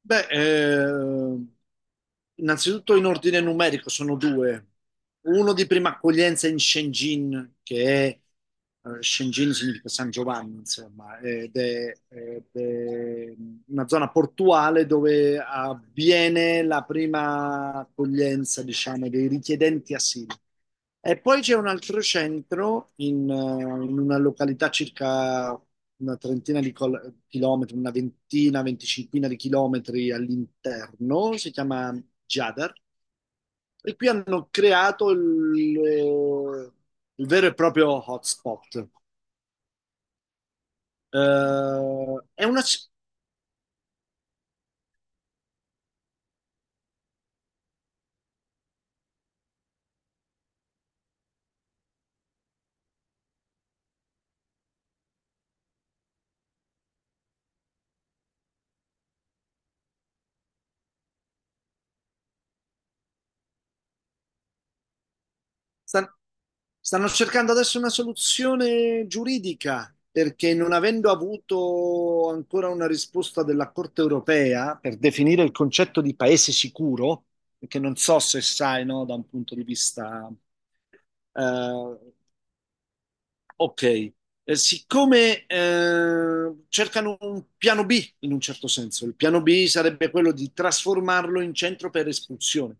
Beh, innanzitutto in ordine numerico sono due. Uno di prima accoglienza in Shenzhen, che Shenzhen significa San Giovanni, insomma, ed è una zona portuale dove avviene la prima accoglienza, diciamo, dei richiedenti asilo. E poi c'è un altro centro in una località circa una trentina chilometri, una ventina, venticinquina di chilometri all'interno, si chiama Jadar, e qui hanno creato eh, il vero e proprio hotspot. Eh, è una, Stan- stanno cercando adesso una soluzione giuridica perché, non avendo avuto ancora una risposta della Corte europea per definire il concetto di paese sicuro, che non so se sai, no, da un punto di vista, eh, ok. Siccome cercano un piano B, in un certo senso, il piano B sarebbe quello di trasformarlo in centro per espulsione,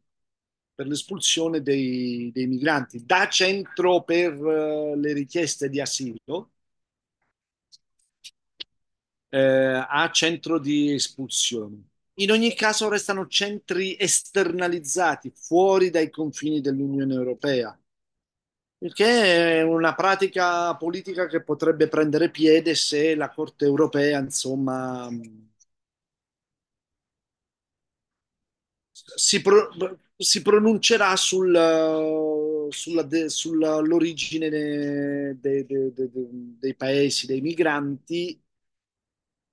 per l'espulsione dei migranti, da centro per le richieste di asilo eh, a centro di espulsione. In ogni caso restano centri esternalizzati, fuori dai confini dell'Unione Europea. Il che è una pratica politica che potrebbe prendere piede se la Corte europea, insomma, si, pro- si pronuncerà sulla sull'origine, dei paesi, dei migranti,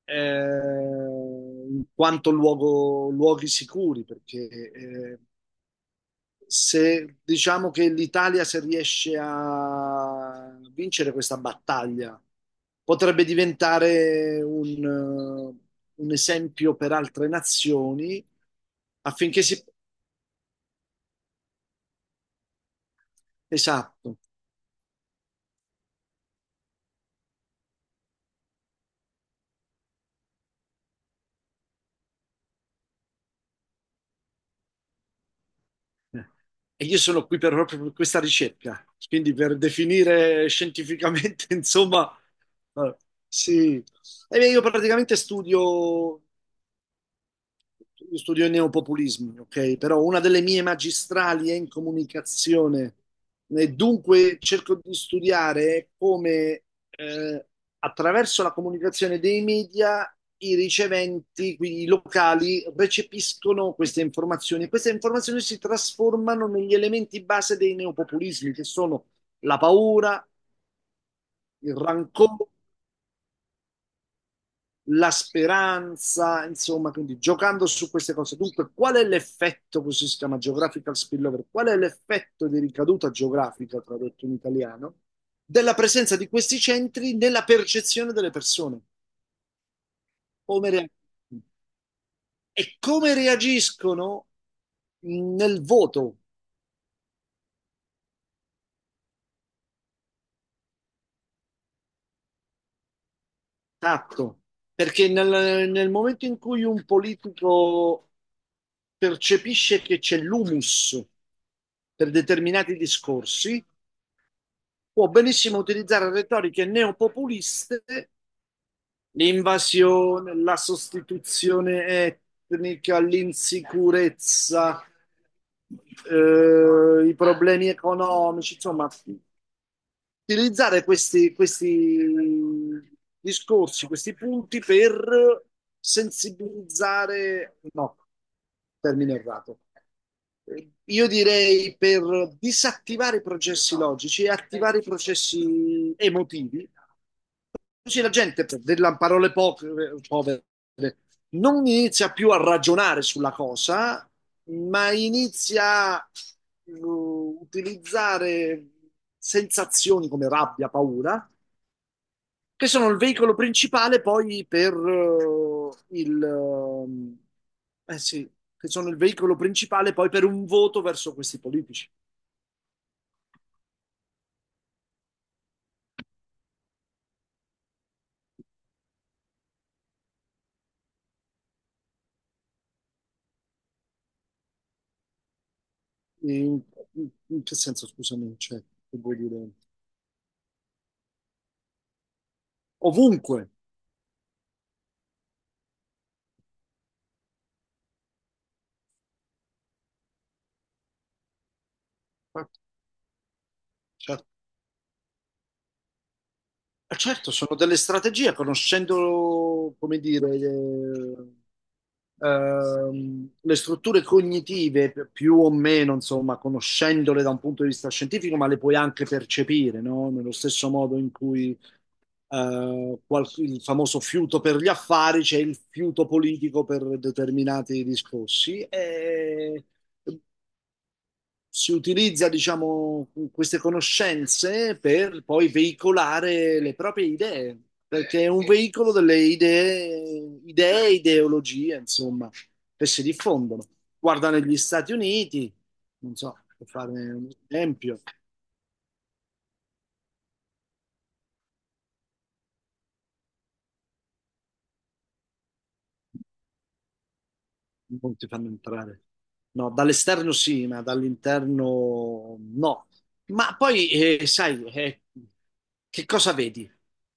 eh, in quanto luoghi sicuri, perché, se diciamo che l'Italia, se riesce a vincere questa battaglia, potrebbe diventare un esempio per altre nazioni affinché si... Esatto. E io sono qui per, proprio per questa ricerca, quindi per definire scientificamente, insomma, eh, sì. E io praticamente studio io studio i neopopulismi, ok? Però una delle mie magistrali è in comunicazione, e dunque cerco di studiare come, eh, attraverso la comunicazione dei media, i riceventi, quindi i locali, recepiscono queste informazioni, e queste informazioni si trasformano negli elementi base dei neopopulismi, che sono la paura, il rancore, la speranza, insomma, quindi giocando su queste cose. Dunque, qual è l'effetto, questo si chiama geographical spillover, qual è l'effetto di ricaduta geografica, tradotto in italiano, della presenza di questi centri nella percezione delle persone? Come reagiscono? E come reagiscono nel voto, tatto? Perché nel momento in cui un politico percepisce che c'è l'humus per determinati discorsi, può benissimo utilizzare retoriche neopopuliste: l'invasione, la sostituzione etnica, l'insicurezza, i problemi economici, insomma, utilizzare questi discorsi, questi punti per sensibilizzare, no, termine errato. Io direi per disattivare i processi logici e attivare i processi emotivi, così la gente, per delle parole povere, povere, non inizia più a ragionare sulla cosa, ma inizia a utilizzare sensazioni come rabbia, paura, che sono il veicolo principale poi per il... ehm, eh sì, che sono il veicolo principale poi per un voto verso questi politici. In, in che senso, scusami, cioè, che vuol dire? Ovunque. Ah, certo. Certo, sono delle strategie, conoscendo, come dire, le strutture cognitive, più o meno, insomma, conoscendole da un punto di vista scientifico, ma le puoi anche percepire, no? Nello stesso modo in cui, il famoso fiuto per gli affari, c'è il fiuto politico per determinati discorsi. E si utilizza, diciamo, queste conoscenze per poi veicolare le proprie idee, perché è un veicolo delle idee, ideologie, insomma, che si diffondono. Guarda negli Stati Uniti, non so, per fare un esempio. Non ti fanno entrare. No, dall'esterno sì, ma dall'interno no. Ma poi, sai, che cosa vedi?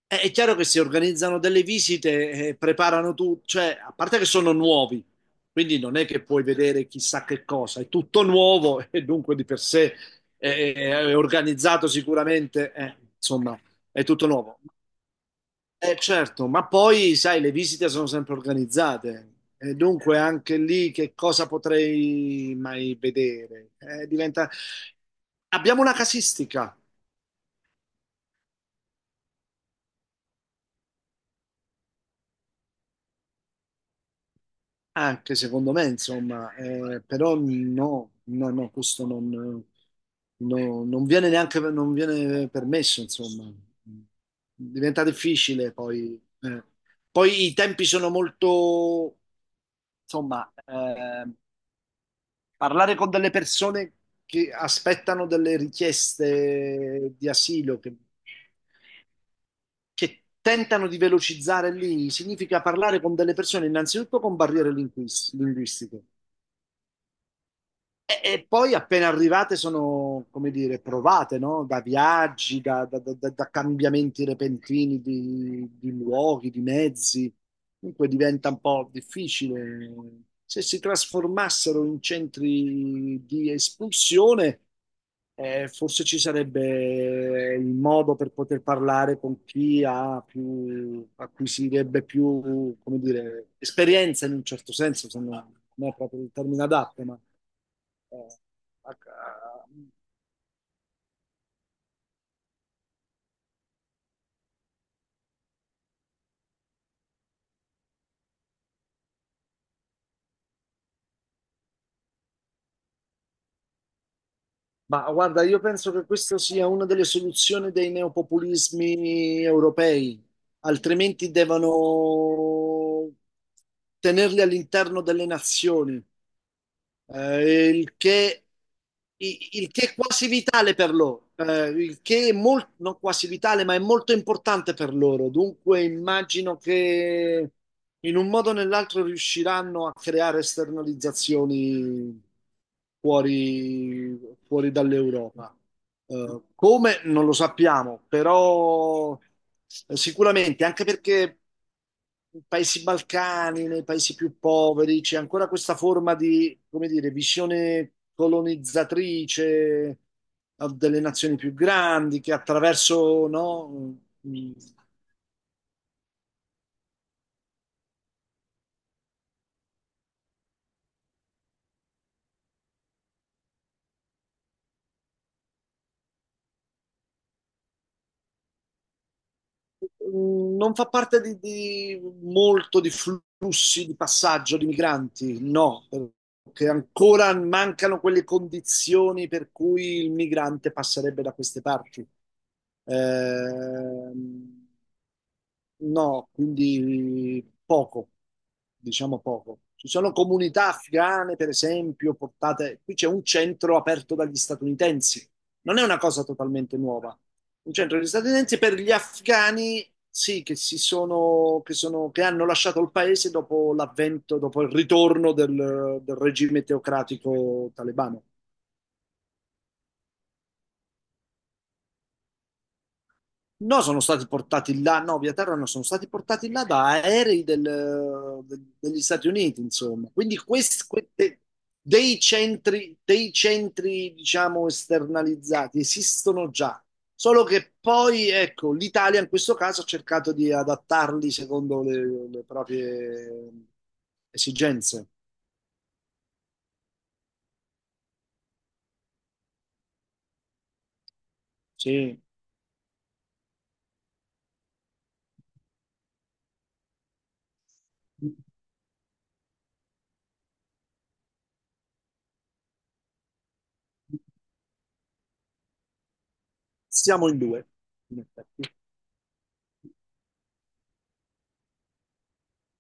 È chiaro che si organizzano delle visite, preparano tutto, cioè, a parte che sono nuovi, quindi non è che puoi vedere chissà che cosa, è tutto nuovo e dunque di per sé è organizzato sicuramente, insomma, è tutto nuovo. Certo, ma poi sai, le visite sono sempre organizzate, e dunque anche lì che cosa potrei mai vedere? Diventa... Abbiamo una casistica, anche secondo me, insomma, però no, no, no, questo non, no, non viene permesso, insomma. Diventa difficile poi. Poi i tempi sono molto, insomma, parlare con delle persone che aspettano delle richieste di asilo, che tentano di velocizzare lì, significa parlare con delle persone innanzitutto con barriere linguistiche. E poi appena arrivate sono, come dire, provate, no? Da viaggi, da cambiamenti repentini di luoghi, di mezzi. Dunque diventa un po' difficile. Se si trasformassero in centri di espulsione, forse ci sarebbe il modo per poter parlare con chi ha più, acquisirebbe più, come dire, esperienza, in un certo senso, se non, non è proprio il termine adatto, ma eh, a- a- ma guarda, io penso che questa sia una delle soluzioni dei neopopulismi europei, altrimenti devono tenerli all'interno delle nazioni. eh, il che, il che è quasi vitale per loro, il che è molto, non quasi vitale, ma è molto importante per loro. Dunque immagino che in un modo o nell'altro riusciranno a creare esternalizzazioni fuori, fuori dall'Europa. Come non lo sappiamo, però sicuramente, anche perché nei paesi balcani, nei paesi più poveri, c'è ancora questa forma di, come dire, visione colonizzatrice delle nazioni più grandi che attraverso, no, mm, non fa parte di, molto di flussi di passaggio di migranti, no, perché ancora mancano quelle condizioni per cui il migrante passerebbe da queste parti. Ehm, No, quindi poco, diciamo poco. Ci sono comunità afghane, per esempio, portate... Qui c'è un centro aperto dagli statunitensi. Non è una cosa totalmente nuova. Un centro degli statunitensi per gli afghani, sì, che si sono... che hanno lasciato il paese dopo l'avvento, dopo il ritorno del regime teocratico talebano. No, sono stati portati là, no, via terra no, sono stati portati là da aerei degli Stati Uniti, insomma. Quindi dei centri, diciamo, esternalizzati esistono già, solo che poi, ecco, l'Italia in questo caso ha cercato di adattarli secondo le proprie esigenze. Sì, siamo in due, in effetti.